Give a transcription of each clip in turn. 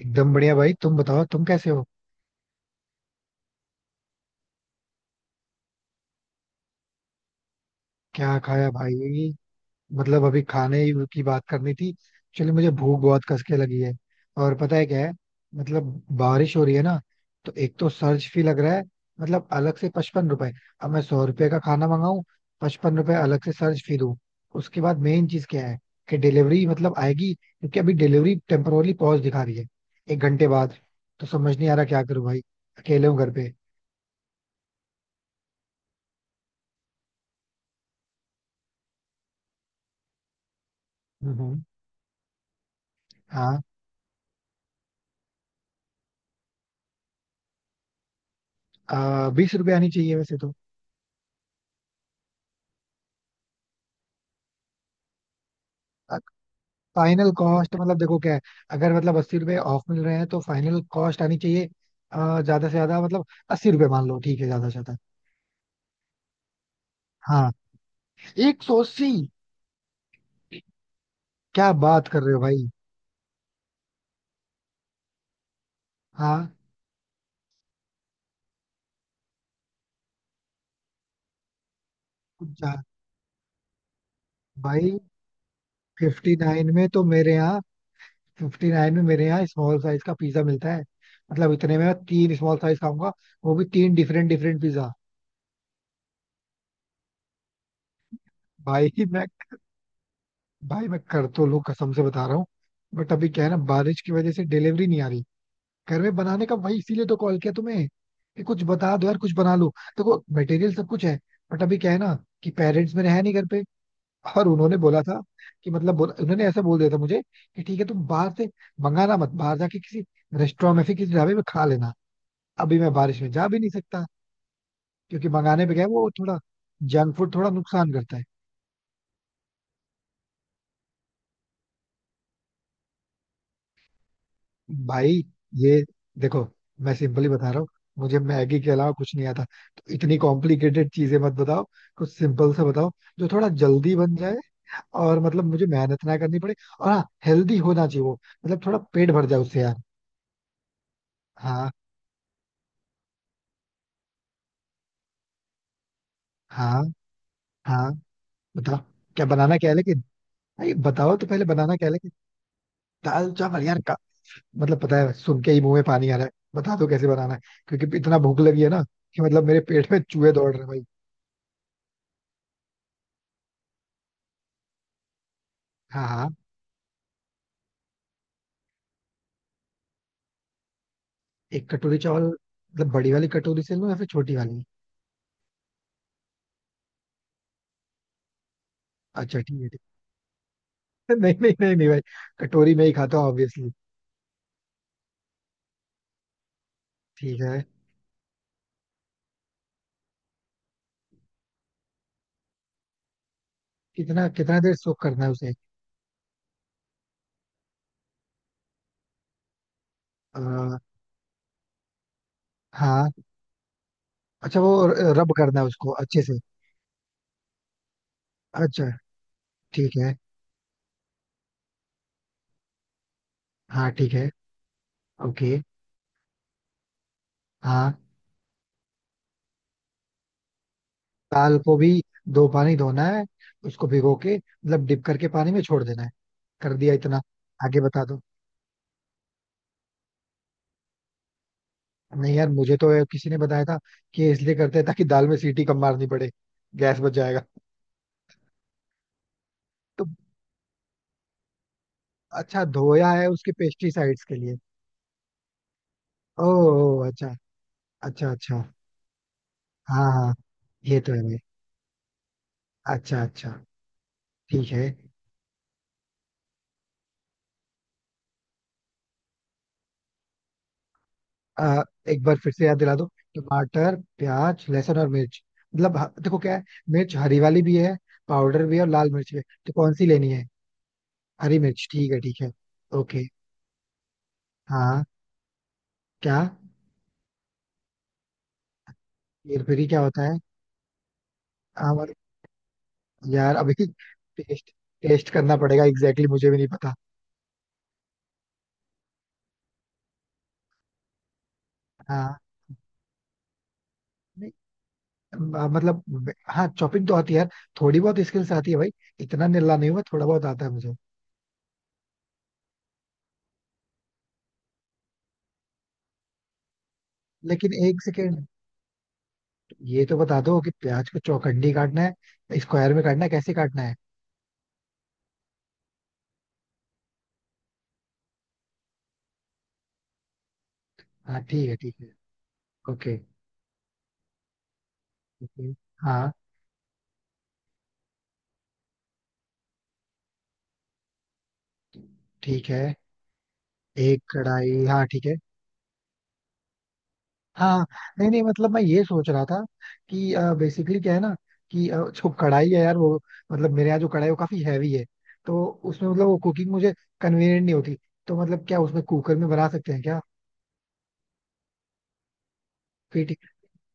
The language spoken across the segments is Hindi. एकदम बढ़िया भाई। तुम बताओ, तुम कैसे हो? क्या खाया भाई? मतलब अभी खाने की बात करनी थी। चलो, मुझे भूख बहुत कस के लगी है। और पता है क्या है, मतलब बारिश हो रही है ना, तो एक तो सर्च फी लग रहा है। मतलब अलग से 55 रुपए। अब मैं 100 रुपए का खाना मंगाऊं, 55 रुपए अलग से सर्च फी दूं। उसके बाद मेन चीज क्या है कि डिलीवरी मतलब आएगी, क्योंकि अभी डिलीवरी टेम्पोरली पॉज दिखा रही है एक घंटे बाद। तो समझ नहीं आ रहा क्या करूं भाई, अकेले हूँ घर पे। हम्म हम्म। हाँ। 20 रुपए आनी चाहिए वैसे तो। फाइनल कॉस्ट मतलब देखो क्या है, अगर मतलब 80 रुपए ऑफ मिल रहे हैं तो फाइनल कॉस्ट आनी चाहिए ज्यादा से ज्यादा। मतलब अस्सी रुपए मान लो, ठीक है ज्यादा से ज्यादा। हाँ, 180? क्या बात कर रहे हो भाई। हाँ। जा- भाई, 59 में तो मेरे यहाँ, 59 में मेरे यहाँ स्मॉल साइज का पिज्जा मिलता है। मतलब इतने में मैं तीन स्मॉल साइज खाऊंगा, वो भी तीन डिफरेंट डिफरेंट पिज्जा। भाई मैं भाई मैं कर तो लूं, कसम से बता रहा हूँ। बट अभी क्या है ना, बारिश की वजह से डिलीवरी नहीं आ रही। घर में बनाने का भाई, इसीलिए तो कॉल किया तुम्हें कि कुछ बता दो यार, कुछ बना लो। देखो मटेरियल सब कुछ है, बट अभी क्या है ना कि पेरेंट्स मेरे है नहीं घर पे, और उन्होंने बोला था कि मतलब बोला उन्होंने, ऐसा बोल दिया था मुझे कि ठीक है तुम बाहर से मंगाना मत, बाहर जाके किसी रेस्टोरेंट में फिर किसी ढाबे में खा लेना। अभी मैं बारिश में जा भी नहीं सकता, क्योंकि मंगाने पे क्या है वो थोड़ा जंक फूड थोड़ा नुकसान करता है। भाई ये देखो, मैं सिंपली बता रहा हूँ, मुझे मैगी के अलावा कुछ नहीं आता, तो इतनी कॉम्प्लिकेटेड चीजें मत बताओ। कुछ सिंपल सा बताओ जो थोड़ा जल्दी बन जाए, और मतलब मुझे मेहनत ना करनी पड़े, और हाँ हेल्दी होना चाहिए वो, मतलब थोड़ा पेट भर जाए उससे यार। हाँ हाँ, हाँ बताओ, क्या बनाना क्या है लेकिन? भाई बताओ तो, पहले बनाना क्या है लेकिन? दाल चावल यार का? मतलब पता है, सुन के ही मुंह में पानी आ रहा है। बता दो कैसे बनाना है, क्योंकि इतना भूख लगी है ना कि मतलब मेरे पेट में चूहे दौड़ रहे हैं भाई। हाँ, हाँ। एक कटोरी चावल मतलब बड़ी वाली कटोरी से लूं या फिर छोटी वाली? अच्छा ठीक है, ठीक है। नहीं नहीं नहीं नहीं भाई, कटोरी में ही खाता हूँ ऑब्वियसली। ठीक है। कितना कितना देर सोक करना है उसे? आ, हाँ। अच्छा, वो रब करना है उसको अच्छे से? अच्छा ठीक है। हाँ ठीक है। ओके। हाँ, दाल को भी दो पानी धोना है, उसको भिगो के मतलब डिप करके पानी में छोड़ देना है? कर दिया इतना, आगे बता दो। नहीं यार, मुझे तो किसी ने बताया था कि ये इसलिए करते हैं ताकि दाल में सीटी कम मारनी पड़े, गैस बच जाएगा। तो अच्छा, धोया है उसके पेस्टिसाइड्स के लिए? ओह अच्छा। अच्छा अच्छा, हाँ हाँ। ये तो है भाई। अच्छा अच्छा, ठीक है। अ, एक बार फिर से याद दिला दो। टमाटर, प्याज, लहसुन और मिर्च? मतलब देखो क्या है, मिर्च हरी वाली भी है, पाउडर भी है और लाल मिर्च भी है, तो कौन सी लेनी है? हरी मिर्च, ठीक है ठीक है। ओके। हाँ, क्या? हेरफेरी क्या होता है? हाँ, और? यार अभी टेस्ट, टेस्ट करना पड़ेगा एग्जैक्टली exactly, मुझे भी नहीं पता। हाँ। मतलब, हाँ, चॉपिंग तो आती है यार। थोड़ी बहुत स्किल्स आती है भाई, इतना निल्ला नहीं हुआ, थोड़ा बहुत आता है मुझे। लेकिन एक सेकेंड, ये तो बता दो कि प्याज को चौखंडी काटना है, स्क्वायर में काटना है, कैसे काटना है? हाँ ठीक है, ठीक है। Okay, okay. हाँ ठीक है, एक कढ़ाई। हाँ ठीक है। हाँ, नहीं नहीं, मतलब मैं ये सोच रहा था कि बेसिकली क्या है ना कि जो कढ़ाई है यार वो, मतलब मेरे यहाँ जो कढ़ाई है वो काफी हैवी है, तो उसमें मतलब वो कुकिंग मुझे कन्वीनियंट नहीं होती, तो मतलब क्या उसमें, कुकर में बना सकते हैं क्या? क्रिटिकल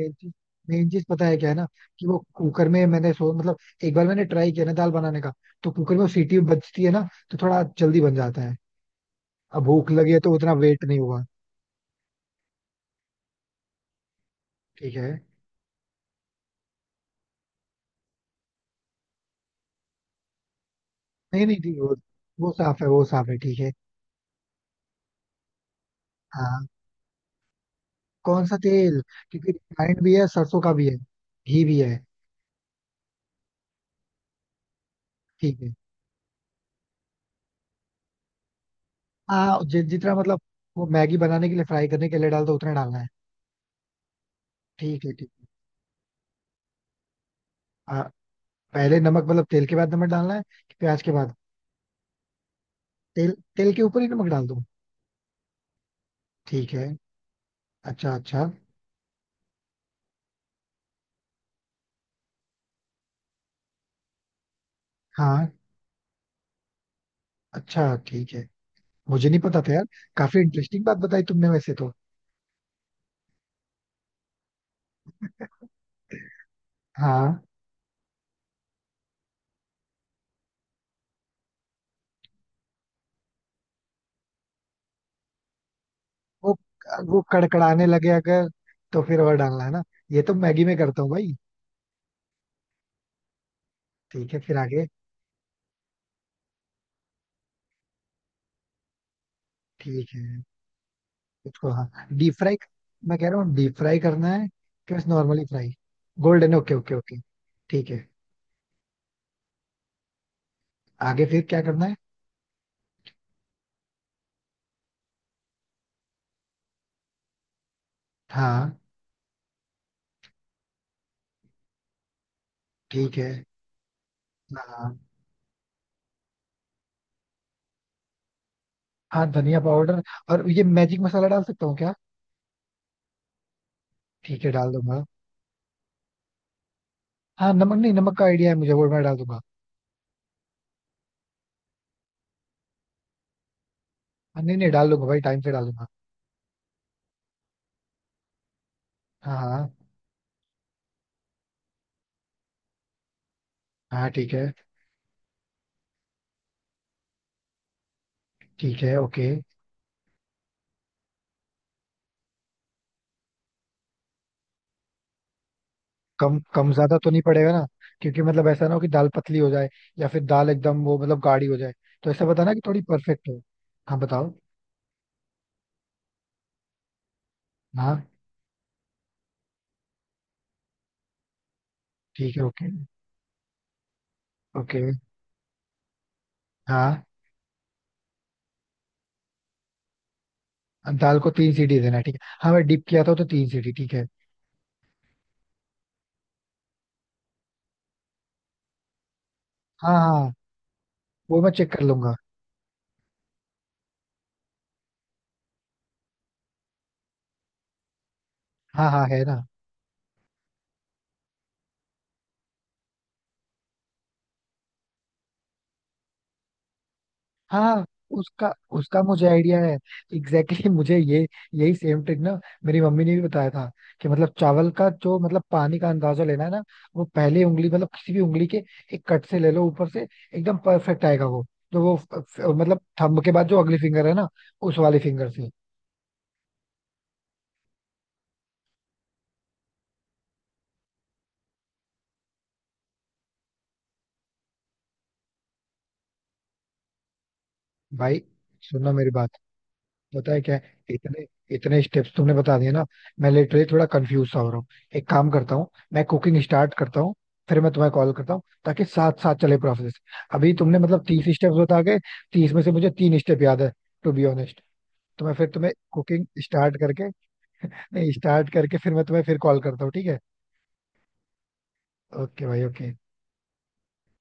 मेन चीज, मेन चीज पता है क्या है ना कि वो कुकर में मैंने मतलब एक बार मैंने ट्राई किया ना दाल बनाने का, तो कुकर में वो सीटी बजती है ना, तो थोड़ा जल्दी बन जाता है। अब भूख लगी है तो उतना वेट नहीं हुआ। ठीक है, नहीं नहीं ठीक, वो साफ है, वो साफ है, ठीक है। हाँ, कौन सा तेल? क्योंकि रिफाइंड भी है, सरसों का भी है, घी भी है। ठीक है। हाँ, जितना मतलब वो मैगी बनाने के लिए फ्राई करने के लिए डालता है उतना डालना है? ठीक है, ठीक है। हाँ, पहले नमक मतलब तेल के बाद नमक डालना है कि प्याज के बाद? तेल, तेल के ऊपर ही नमक डाल दो? ठीक है, अच्छा अच्छा। हाँ, अच्छा ठीक है, मुझे नहीं पता था यार। काफी इंटरेस्टिंग बात बताई तुमने वैसे तो। हाँ, वो वो कड़कड़ाने लगे अगर, तो फिर और डालना है ना? ये तो मैगी में करता हूँ भाई। ठीक है, फिर आगे? ठीक है, इसको हाँ डीप फ्राई, मैं कह रहा हूँ डीप फ्राई करना है कि बस normally fry? Golden, okay okay okay. ठीक है, आगे फिर क्या करना है? हाँ, ठीक है। हाँ हाँ, धनिया पाउडर, और ये मैजिक मसाला डाल सकता हूँ क्या? ठीक है, डाल दूंगा। हाँ, नमक, नहीं नमक का आइडिया है मुझे, वो मैं डाल दूंगा। हाँ, नहीं नहीं डाल दूंगा भाई, टाइम से डाल दूंगा। हाँ हाँ। हाँ ठीक है, ठीक है। ओके, कम कम ज्यादा तो नहीं पड़ेगा ना? क्योंकि मतलब ऐसा ना हो कि दाल पतली हो जाए, या फिर दाल एकदम वो मतलब गाढ़ी हो जाए। तो ऐसा बताना कि थोड़ी परफेक्ट हो। हाँ बताओ। हाँ ठीक है, ओके। ओके। हाँ, दाल को तीन सीटी देना है ठीक है। हाँ, मैं डिप किया था तो तीन सीटी ठीक है। हाँ हाँ, वो मैं चेक कर लूंगा। हाँ हाँ, है ना। हाँ, उसका उसका मुझे आइडिया है। एग्जैक्टली exactly मुझे ये, यही सेम ट्रिक ना मेरी मम्मी ने भी बताया था कि मतलब चावल का जो मतलब पानी का अंदाजा लेना है ना, वो पहले उंगली मतलब किसी भी उंगली के एक कट से ले लो ऊपर से, एकदम परफेक्ट आएगा वो। तो वो मतलब थंब के बाद जो अगली फिंगर है ना, उस वाली फिंगर से। भाई सुनना मेरी बात, पता है क्या है? इतने, इतने स्टेप्स तुमने बता दिए ना, मैं लिटरली थोड़ा कंफ्यूज सा हो रहा हूँ। एक काम करता हूँ, मैं कुकिंग स्टार्ट करता हूँ, फिर मैं तुम्हें कॉल करता हूँ ताकि साथ साथ चले प्रोसेस। अभी तुमने मतलब 30 स्टेप्स बता के, 30 में से मुझे तीन स्टेप याद है टू बी ऑनेस्ट। तो मैं फिर तुम्हें कुकिंग स्टार्ट करके, नहीं स्टार्ट करके फिर मैं तुम्हें फिर कॉल करता हूँ, ठीक है? ओके भाई, ओके।